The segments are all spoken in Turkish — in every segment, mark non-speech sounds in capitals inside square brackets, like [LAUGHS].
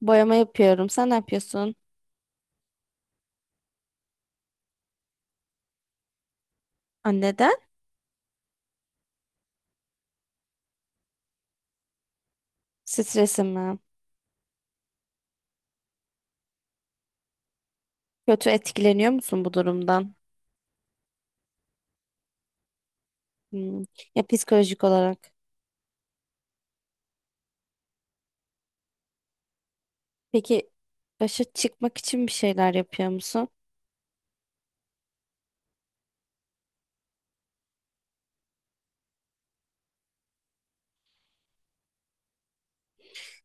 Boyama yapıyorum. Sen ne yapıyorsun? Aa, neden? Stresim mi? Kötü etkileniyor musun bu durumdan? Hmm. Ya psikolojik olarak. Peki başa çıkmak için bir şeyler yapıyor musun?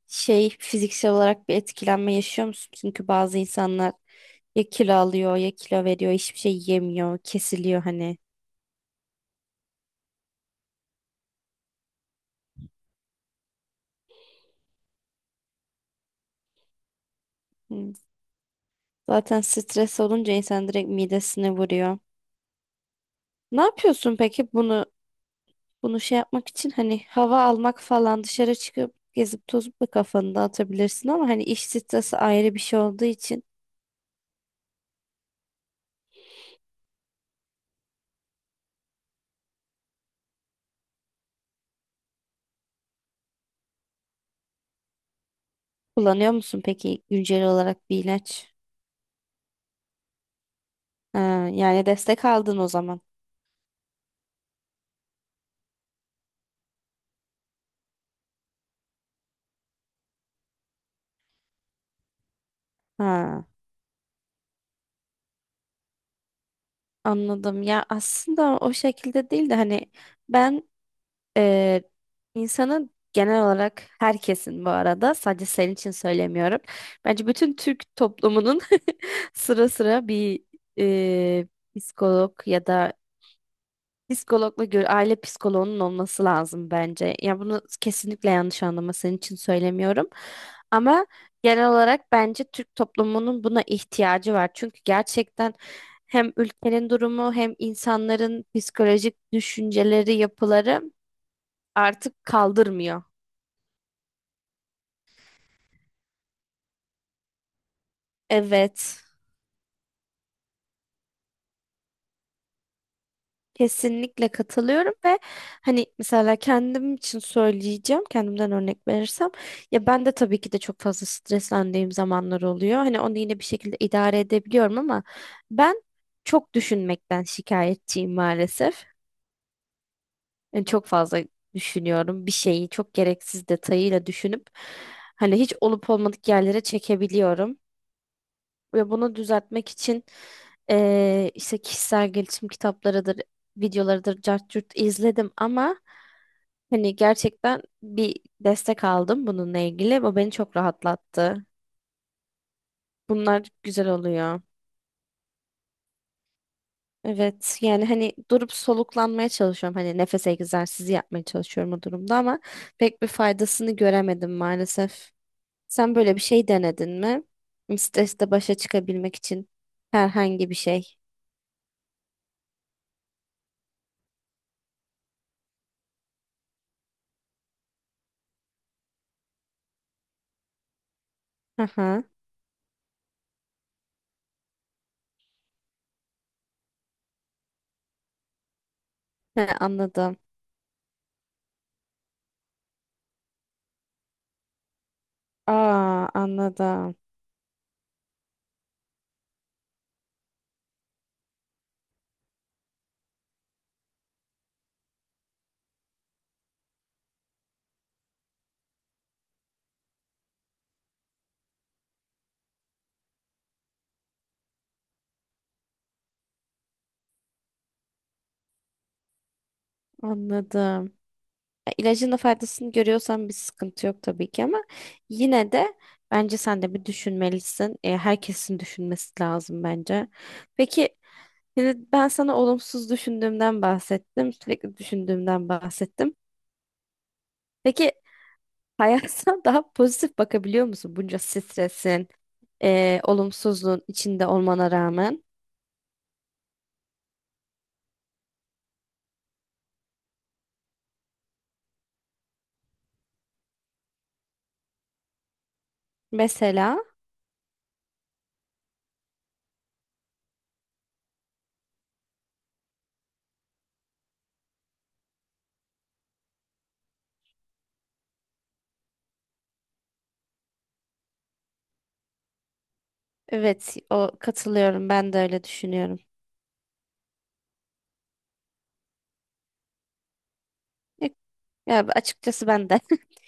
Şey fiziksel olarak bir etkilenme yaşıyor musun? Çünkü bazı insanlar ya kilo alıyor ya kilo veriyor hiçbir şey yemiyor kesiliyor hani. Hmm. Zaten stres olunca insan direkt midesine vuruyor. Ne yapıyorsun peki bunu? Bunu şey yapmak için hani hava almak falan dışarı çıkıp gezip tozup da kafanı dağıtabilirsin ama hani iş stresi ayrı bir şey olduğu için kullanıyor musun peki güncel olarak bir ilaç? Ha, yani destek aldın o zaman. Ha, anladım. Ya aslında o şekilde değil de hani ben e, insanın genel olarak herkesin bu arada sadece senin için söylemiyorum. Bence bütün Türk toplumunun [LAUGHS] sıra sıra bir e, psikolog ya da psikologla gör, aile psikoloğunun olması lazım bence. Ya bunu kesinlikle yanlış anlama, senin için söylemiyorum. Ama genel olarak bence Türk toplumunun buna ihtiyacı var. Çünkü gerçekten hem ülkenin durumu hem insanların psikolojik düşünceleri, yapıları artık kaldırmıyor. Evet. Kesinlikle katılıyorum ve hani mesela kendim için söyleyeceğim, kendimden örnek verirsem ya ben de tabii ki de çok fazla streslendiğim zamanlar oluyor. Hani onu yine bir şekilde idare edebiliyorum ama ben çok düşünmekten şikayetçiyim maalesef. Yani çok fazla düşünüyorum, bir şeyi çok gereksiz detayıyla düşünüp hani hiç olup olmadık yerlere çekebiliyorum. Ve bunu düzeltmek için işte kişisel gelişim kitaplarıdır, videolarıdır, cart curt izledim ama hani gerçekten bir destek aldım bununla ilgili. Bu beni çok rahatlattı. Bunlar güzel oluyor. Evet, yani hani durup soluklanmaya çalışıyorum. Hani nefes egzersizi yapmaya çalışıyorum o durumda ama pek bir faydasını göremedim maalesef. Sen böyle bir şey denedin mi? Stresle başa çıkabilmek için herhangi bir şey. Aha, he, anladım. Aa, anladım. Anladım. Ya, İlacın da faydasını görüyorsan bir sıkıntı yok tabii ki ama yine de bence sen de bir düşünmelisin. E, herkesin düşünmesi lazım bence. Peki, şimdi ben sana olumsuz düşündüğümden bahsettim. Sürekli düşündüğümden bahsettim. Peki hayata [LAUGHS] daha pozitif bakabiliyor musun bunca stresin, olumsuzluğun içinde olmana rağmen? Mesela evet, o katılıyorum, ben de öyle düşünüyorum. Ya açıkçası ben de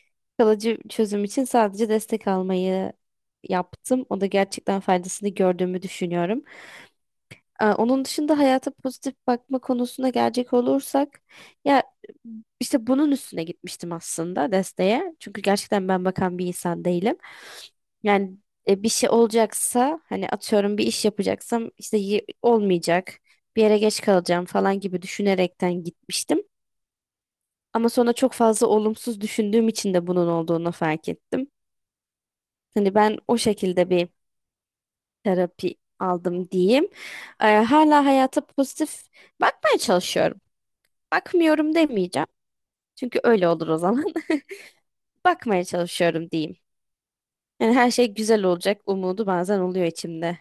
[LAUGHS] kalıcı çözüm için sadece destek almayı yaptım. O da gerçekten faydasını gördüğümü düşünüyorum. Onun dışında hayata pozitif bakma konusuna gelecek olursak ya işte bunun üstüne gitmiştim aslında desteğe. Çünkü gerçekten ben bakan bir insan değilim. Yani bir şey olacaksa hani atıyorum bir iş yapacaksam olmayacak, bir yere geç kalacağım falan gibi düşünerekten gitmiştim. Ama sonra çok fazla olumsuz düşündüğüm için de bunun olduğunu fark ettim. Hani ben o şekilde bir terapi aldım diyeyim. Hala hayata pozitif bakmaya çalışıyorum. Bakmıyorum demeyeceğim. Çünkü öyle olur o zaman. [LAUGHS] Bakmaya çalışıyorum diyeyim. Yani her şey güzel olacak umudu bazen oluyor içimde.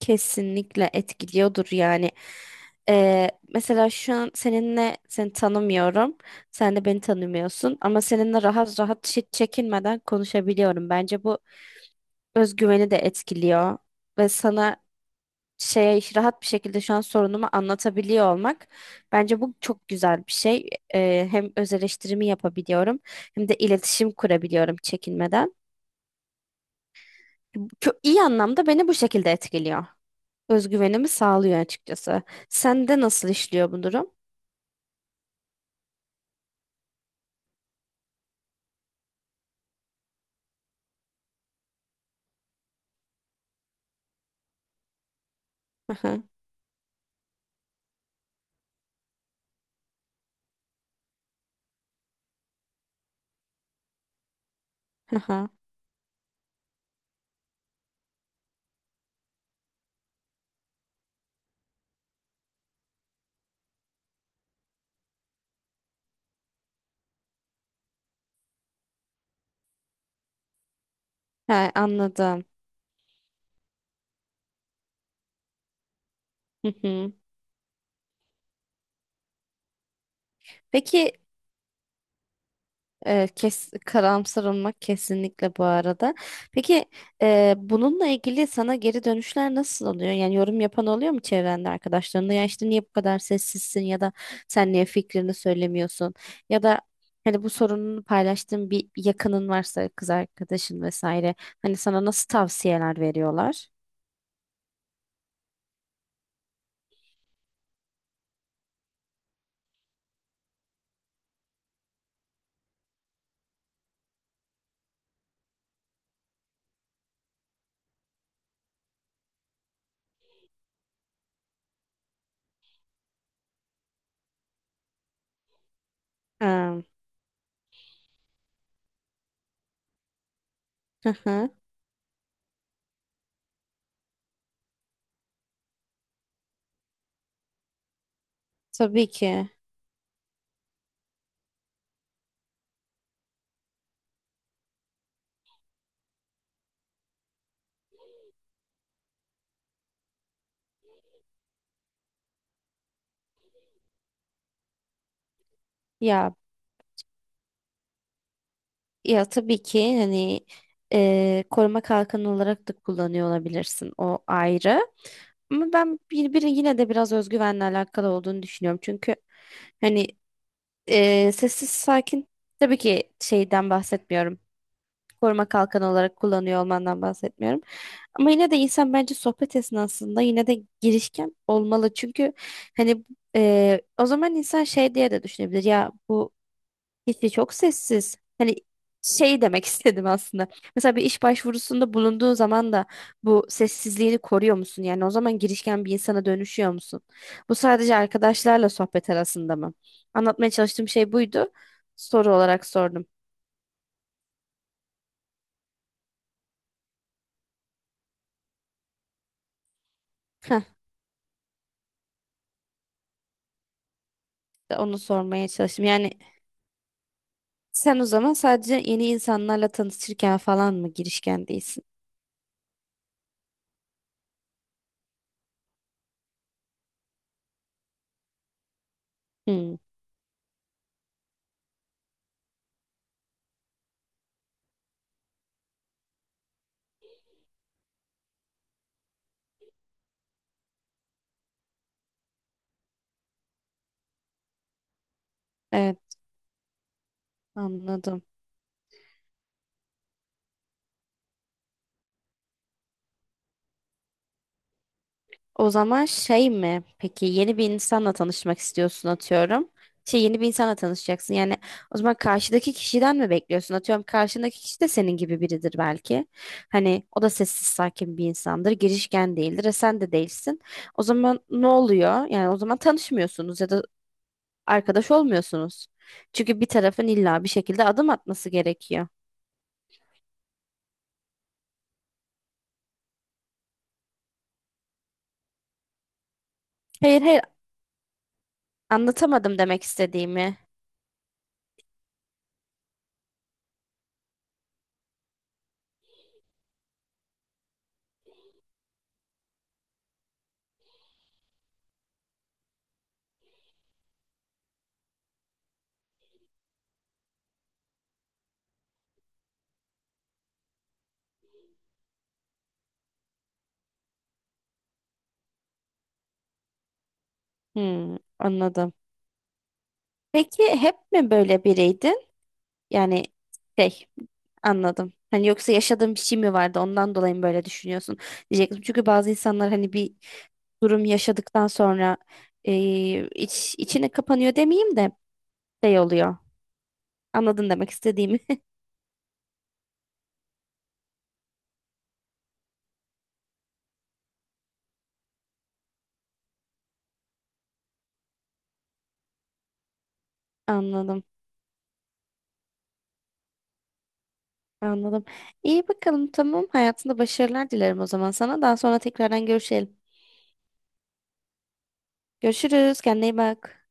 Kesinlikle etkiliyordur yani. Mesela şu an seninle, seni tanımıyorum. Sen de beni tanımıyorsun ama seninle rahat rahat hiç çekinmeden konuşabiliyorum. Bence bu özgüveni de etkiliyor ve sana şeye rahat bir şekilde şu an sorunumu anlatabiliyor olmak bence bu çok güzel bir şey. Hem öz eleştirimi yapabiliyorum hem de iletişim kurabiliyorum çekinmeden. Çok iyi anlamda beni bu şekilde etkiliyor. Özgüvenimi sağlıyor açıkçası. Sende nasıl işliyor bu durum? Aha, aha. Ha, anladım. Hı hı. Peki. Evet, karamsar olmak kesinlikle, bu arada. Peki, bununla ilgili sana geri dönüşler nasıl oluyor? Yani yorum yapan oluyor mu çevrende, arkadaşlarında? Ya işte niye bu kadar sessizsin ya da sen niye fikrini söylemiyorsun? Ya da hani bu sorununu paylaştığın bir yakının varsa, kız arkadaşın vesaire. Hani sana nasıl tavsiyeler veriyorlar? Ee, Hı hı. Tabii ki. Ya, ya tabii ki hani koruma kalkanı olarak da kullanıyor olabilirsin, o ayrı. Ama ben bir yine de biraz özgüvenle alakalı olduğunu düşünüyorum. Çünkü hani sessiz sakin, tabii ki şeyden bahsetmiyorum. Koruma kalkanı olarak kullanıyor olmandan bahsetmiyorum. Ama yine de insan bence sohbet esnasında yine de girişken olmalı. Çünkü hani o zaman insan şey diye de düşünebilir. Ya bu hiçbir, çok sessiz. Hani şey demek [LAUGHS] istedim aslında. Mesela bir iş başvurusunda bulunduğun zaman da bu sessizliğini koruyor musun? Yani o zaman girişken bir insana dönüşüyor musun? Bu sadece arkadaşlarla sohbet arasında mı? Anlatmaya çalıştığım şey buydu. Soru olarak sordum. Heh, de onu sormaya çalıştım. Yani sen o zaman sadece yeni insanlarla tanışırken falan mı girişken değilsin? Hmm, evet, anladım. O zaman şey mi? Peki yeni bir insanla tanışmak istiyorsun, atıyorum. Şey, yeni bir insanla tanışacaksın. Yani o zaman karşıdaki kişiden mi bekliyorsun? Atıyorum karşındaki kişi de senin gibi biridir belki. Hani o da sessiz sakin bir insandır. Girişken değildir. E sen de değilsin. O zaman ne oluyor? Yani o zaman tanışmıyorsunuz ya da arkadaş olmuyorsunuz. Çünkü bir tarafın illa bir şekilde adım atması gerekiyor. Hayır, anlatamadım demek istediğimi. Hmm, anladım. Peki hep mi böyle biriydi? Yani şey, anladım. Hani yoksa yaşadığın bir şey mi vardı, ondan dolayı mı böyle düşünüyorsun diyecektim. Çünkü bazı insanlar hani bir durum yaşadıktan sonra içine kapanıyor demeyeyim de şey oluyor. Anladın demek istediğimi. [LAUGHS] Anladım. Anladım. İyi bakalım, tamam. Hayatında başarılar dilerim o zaman sana. Daha sonra tekrardan görüşelim. Görüşürüz. Kendine iyi bak.